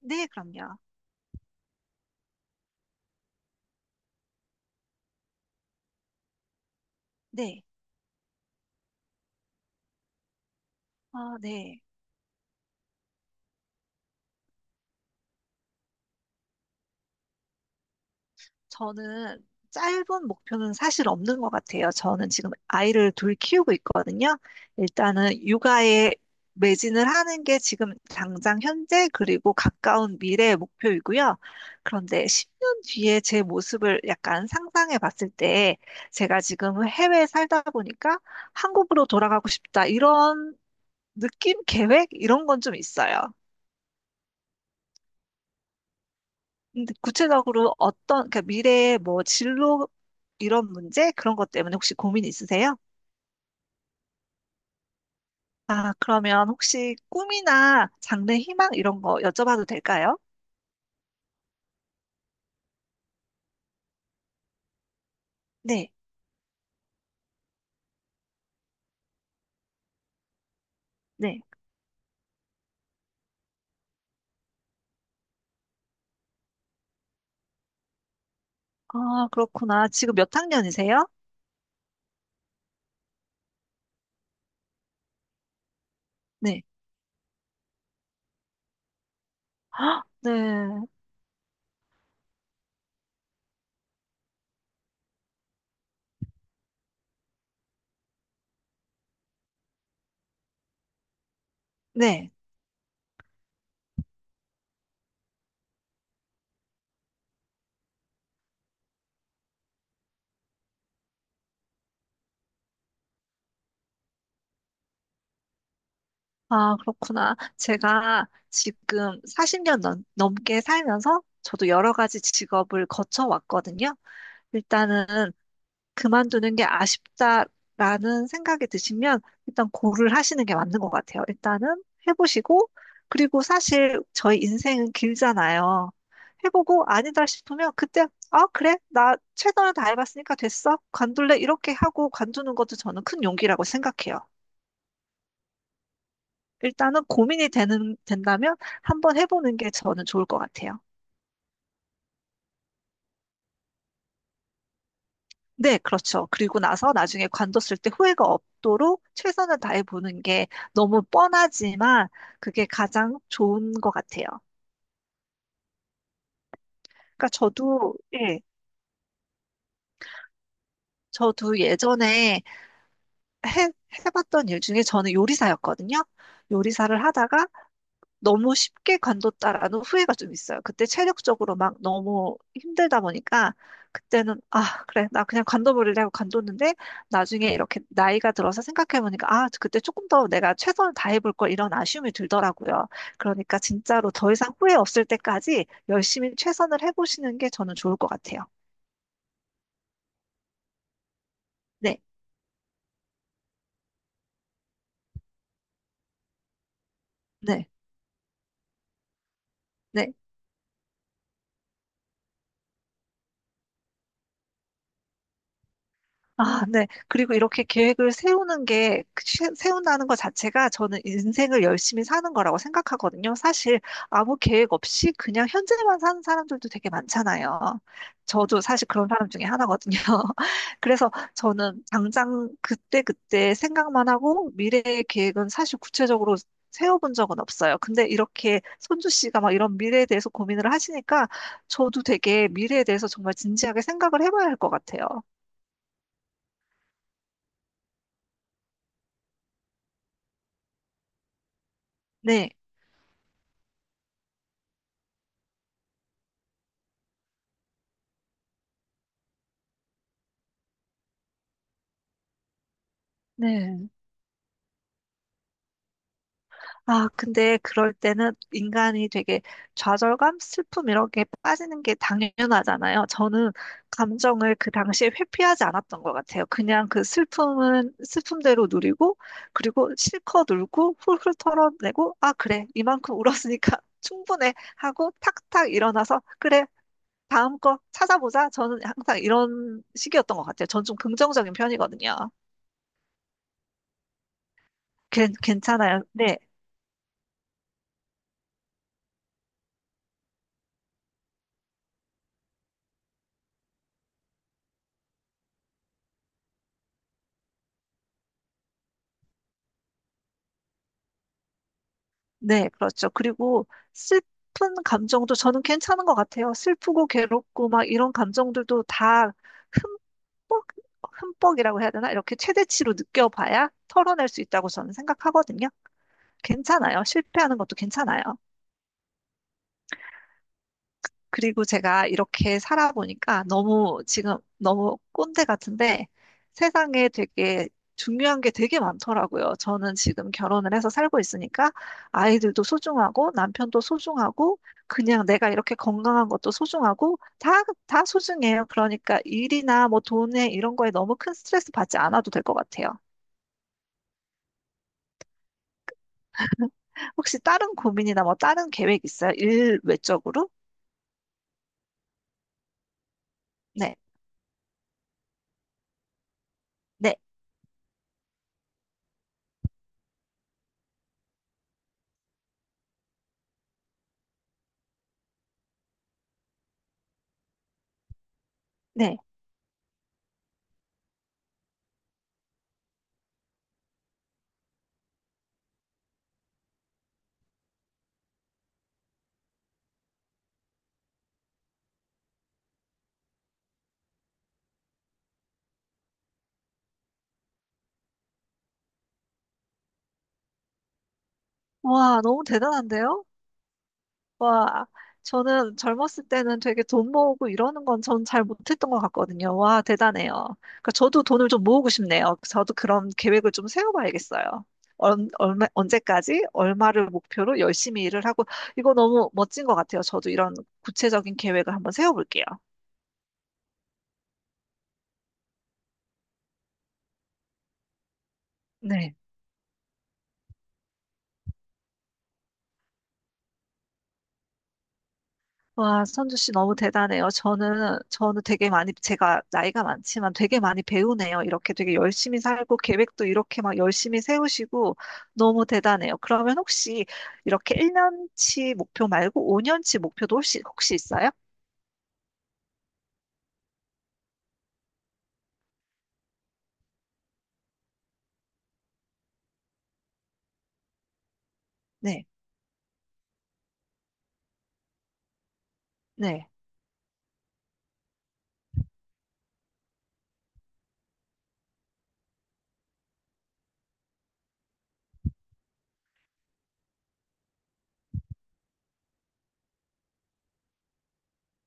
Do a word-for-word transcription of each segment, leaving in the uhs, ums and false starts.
네, 그럼요. 네. 아, 네. 저는 짧은 목표는 사실 없는 것 같아요. 저는 지금 아이를 둘 키우고 있거든요. 일단은 육아에 매진을 하는 게 지금 당장 현재 그리고 가까운 미래의 목표이고요. 그런데 십 년 뒤에 제 모습을 약간 상상해 봤을 때 제가 지금 해외에 살다 보니까 한국으로 돌아가고 싶다. 이런 느낌, 계획, 이런 건 좀 있어요. 근데 구체적으로 어떤, 그러니까 미래의 뭐 진로 이런 문제? 그런 것 때문에 혹시 고민 있으세요? 아, 그러면 혹시 꿈이나 장래 희망 이런 거 여쭤봐도 될까요? 네, 네. 아, 그렇구나. 지금 몇 학년이세요? 네. 아, 네, 네. 아, 그렇구나. 제가 지금 사십 년 넘, 넘게 살면서 저도 여러 가지 직업을 거쳐왔거든요. 일단은 그만두는 게 아쉽다라는 생각이 드시면 일단 고를 하시는 게 맞는 것 같아요. 일단은 해보시고, 그리고 사실 저희 인생은 길잖아요. 해보고 아니다 싶으면 그때, 아, 그래? 나 최선을 다해봤으니까 됐어? 관둘래? 이렇게 하고 관두는 것도 저는 큰 용기라고 생각해요. 일단은 고민이 되는, 된다면 한번 해보는 게 저는 좋을 것 같아요. 네, 그렇죠. 그리고 나서 나중에 관뒀을 때 후회가 없도록 최선을 다해 보는 게 너무 뻔하지만 그게 가장 좋은 것 같아요. 그러니까 저도, 예, 저도 예전에 해, 해봤던 일 중에 저는 요리사였거든요. 요리사를 하다가 너무 쉽게 관뒀다라는 후회가 좀 있어요. 그때 체력적으로 막 너무 힘들다 보니까 그때는 아, 그래. 나 그냥 관둬버리려고 관뒀는데 나중에 이렇게 나이가 들어서 생각해보니까 아, 그때 조금 더 내가 최선을 다해볼 걸 이런 아쉬움이 들더라고요. 그러니까 진짜로 더 이상 후회 없을 때까지 열심히 최선을 해보시는 게 저는 좋을 것 같아요. 네, 네, 네. 아, 네. 그리고 이렇게 계획을 세우는 게, 그 시- 세운다는 것 자체가 저는 인생을 열심히 사는 거라고 생각하거든요. 사실 아무 계획 없이 그냥 현재만 사는 사람들도 되게 많잖아요. 저도 사실 그런 사람 중에 하나거든요. 그래서 저는 당장 그때그때 생각만 하고 미래의 계획은 사실 구체적으로 세워본 적은 없어요. 근데 이렇게 손주 씨가 막 이런 미래에 대해서 고민을 하시니까 저도 되게 미래에 대해서 정말 진지하게 생각을 해봐야 할 것 같아요. 네. 네. 아, 근데 그럴 때는 인간이 되게 좌절감, 슬픔 이런 게 빠지는 게 당연하잖아요. 저는 감정을 그 당시에 회피하지 않았던 것 같아요. 그냥 그 슬픔은 슬픔대로 누리고, 그리고 실컷 울고, 훌훌 털어내고, 아, 그래. 이만큼 울었으니까 충분해. 하고 탁탁 일어나서, 그래. 다음 거 찾아보자. 저는 항상 이런 식이었던 것 같아요. 전 좀 긍정적인 편이거든요. 괜, 괜찮아요. 네. 네, 그렇죠. 그리고 슬픈 감정도 저는 괜찮은 것 같아요. 슬프고 괴롭고 막 이런 감정들도 다 흠뻑, 흠뻑이라고 해야 되나? 이렇게 최대치로 느껴봐야 털어낼 수 있다고 저는 생각하거든요. 괜찮아요. 실패하는 것도 괜찮아요. 그리고 제가 이렇게 살아보니까 너무 지금 너무 꼰대 같은데 세상에 되게 중요한 게 되게 많더라고요. 저는 지금 결혼을 해서 살고 있으니까 아이들도 소중하고 남편도 소중하고 그냥 내가 이렇게 건강한 것도 소중하고 다, 다 소중해요. 그러니까 일이나 뭐 돈에 이런 거에 너무 큰 스트레스 받지 않아도 될 것 같아요. 혹시 다른 고민이나 뭐 다른 계획 있어요? 일 외적으로? 네, 네, 네. 와, 너무 대단한데요? 와, 저는 젊었을 때는 되게 돈 모으고 이러는 건 전 잘 못했던 것 같거든요. 와, 대단해요. 그러니까 저도 돈을 좀 모으고 싶네요. 저도 그런 계획을 좀 세워봐야겠어요. 얼, 얼마, 언제까지 얼마를 목표로 열심히 일을 하고, 이거 너무 멋진 것 같아요. 저도 이런 구체적인 계획을 한번 세워볼게요. 네. 와, 선주 씨 너무 대단해요. 저는, 저는 되게 많이, 제가 나이가 많지만 되게 많이 배우네요. 이렇게 되게 열심히 살고 계획도 이렇게 막 열심히 세우시고 너무 대단해요. 그러면 혹시 이렇게 일 년 치 목표 말고 오 년 치 목표도 혹시, 혹시 있어요? 네, 네,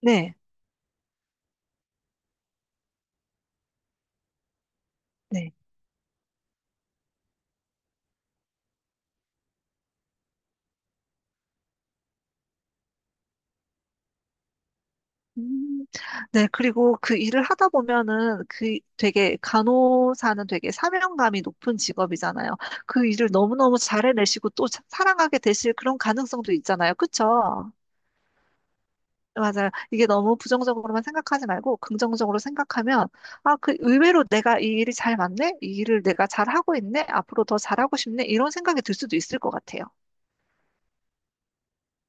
네, 네. 음, 네, 그리고 그 일을 하다 보면은 그 되게 간호사는 되게 사명감이 높은 직업이잖아요. 그 일을 너무너무 잘해내시고 또 사- 사랑하게 되실 그런 가능성도 있잖아요. 그쵸? 맞아요. 이게 너무 부정적으로만 생각하지 말고 긍정적으로 생각하면 아, 그 의외로 내가 이 일이 잘 맞네? 이 일을 내가 잘하고 있네? 앞으로 더 잘하고 싶네? 이런 생각이 들 수도 있을 것 같아요.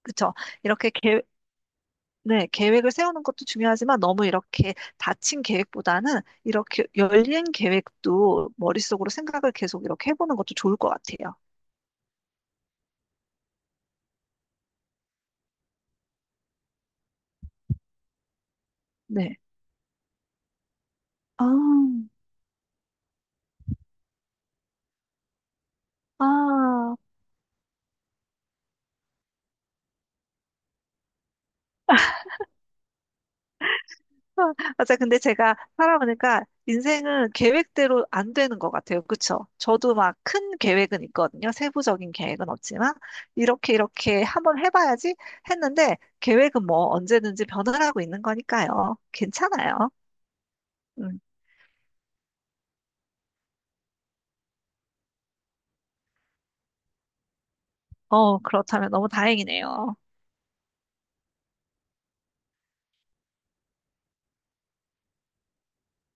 그쵸? 이렇게 네, 계획을 세우는 것도 중요하지만 너무 이렇게 닫힌 계획보다는 이렇게 열린 계획도 머릿속으로 생각을 계속 이렇게 해보는 것도 좋을 것 같아요. 네. 아, 아, 아, 맞아. 근데 제가 살아보니까 인생은 계획대로 안 되는 것 같아요. 그쵸? 저도 막 큰 계획은 있거든요. 세부적인 계획은 없지만 이렇게 이렇게 한번 해봐야지 했는데 계획은 뭐 언제든지 변화하고 있는 거니까요. 괜찮아요. 음. 어, 그렇다면 너무 다행이네요.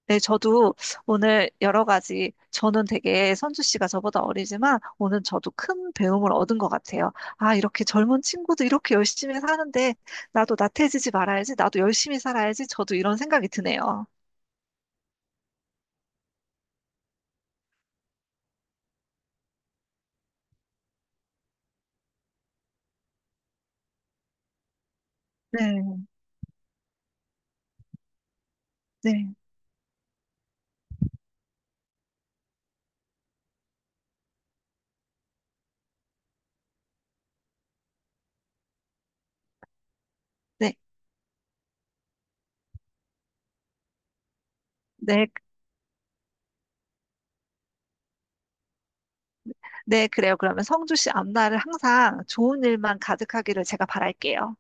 네, 저도 오늘 여러 가지, 저는 되게 선주 씨가 저보다 어리지만 오늘 저도 큰 배움을 얻은 것 같아요. 아, 이렇게 젊은 친구도 이렇게 열심히 사는데 나도 나태해지지 말아야지, 나도 열심히 살아야지, 저도 이런 생각이 드네요. 네, 네, 네, 네, 네, 그래요. 그러면 성주 씨 앞날을 항상 좋은 일만 가득하기를 제가 바랄게요.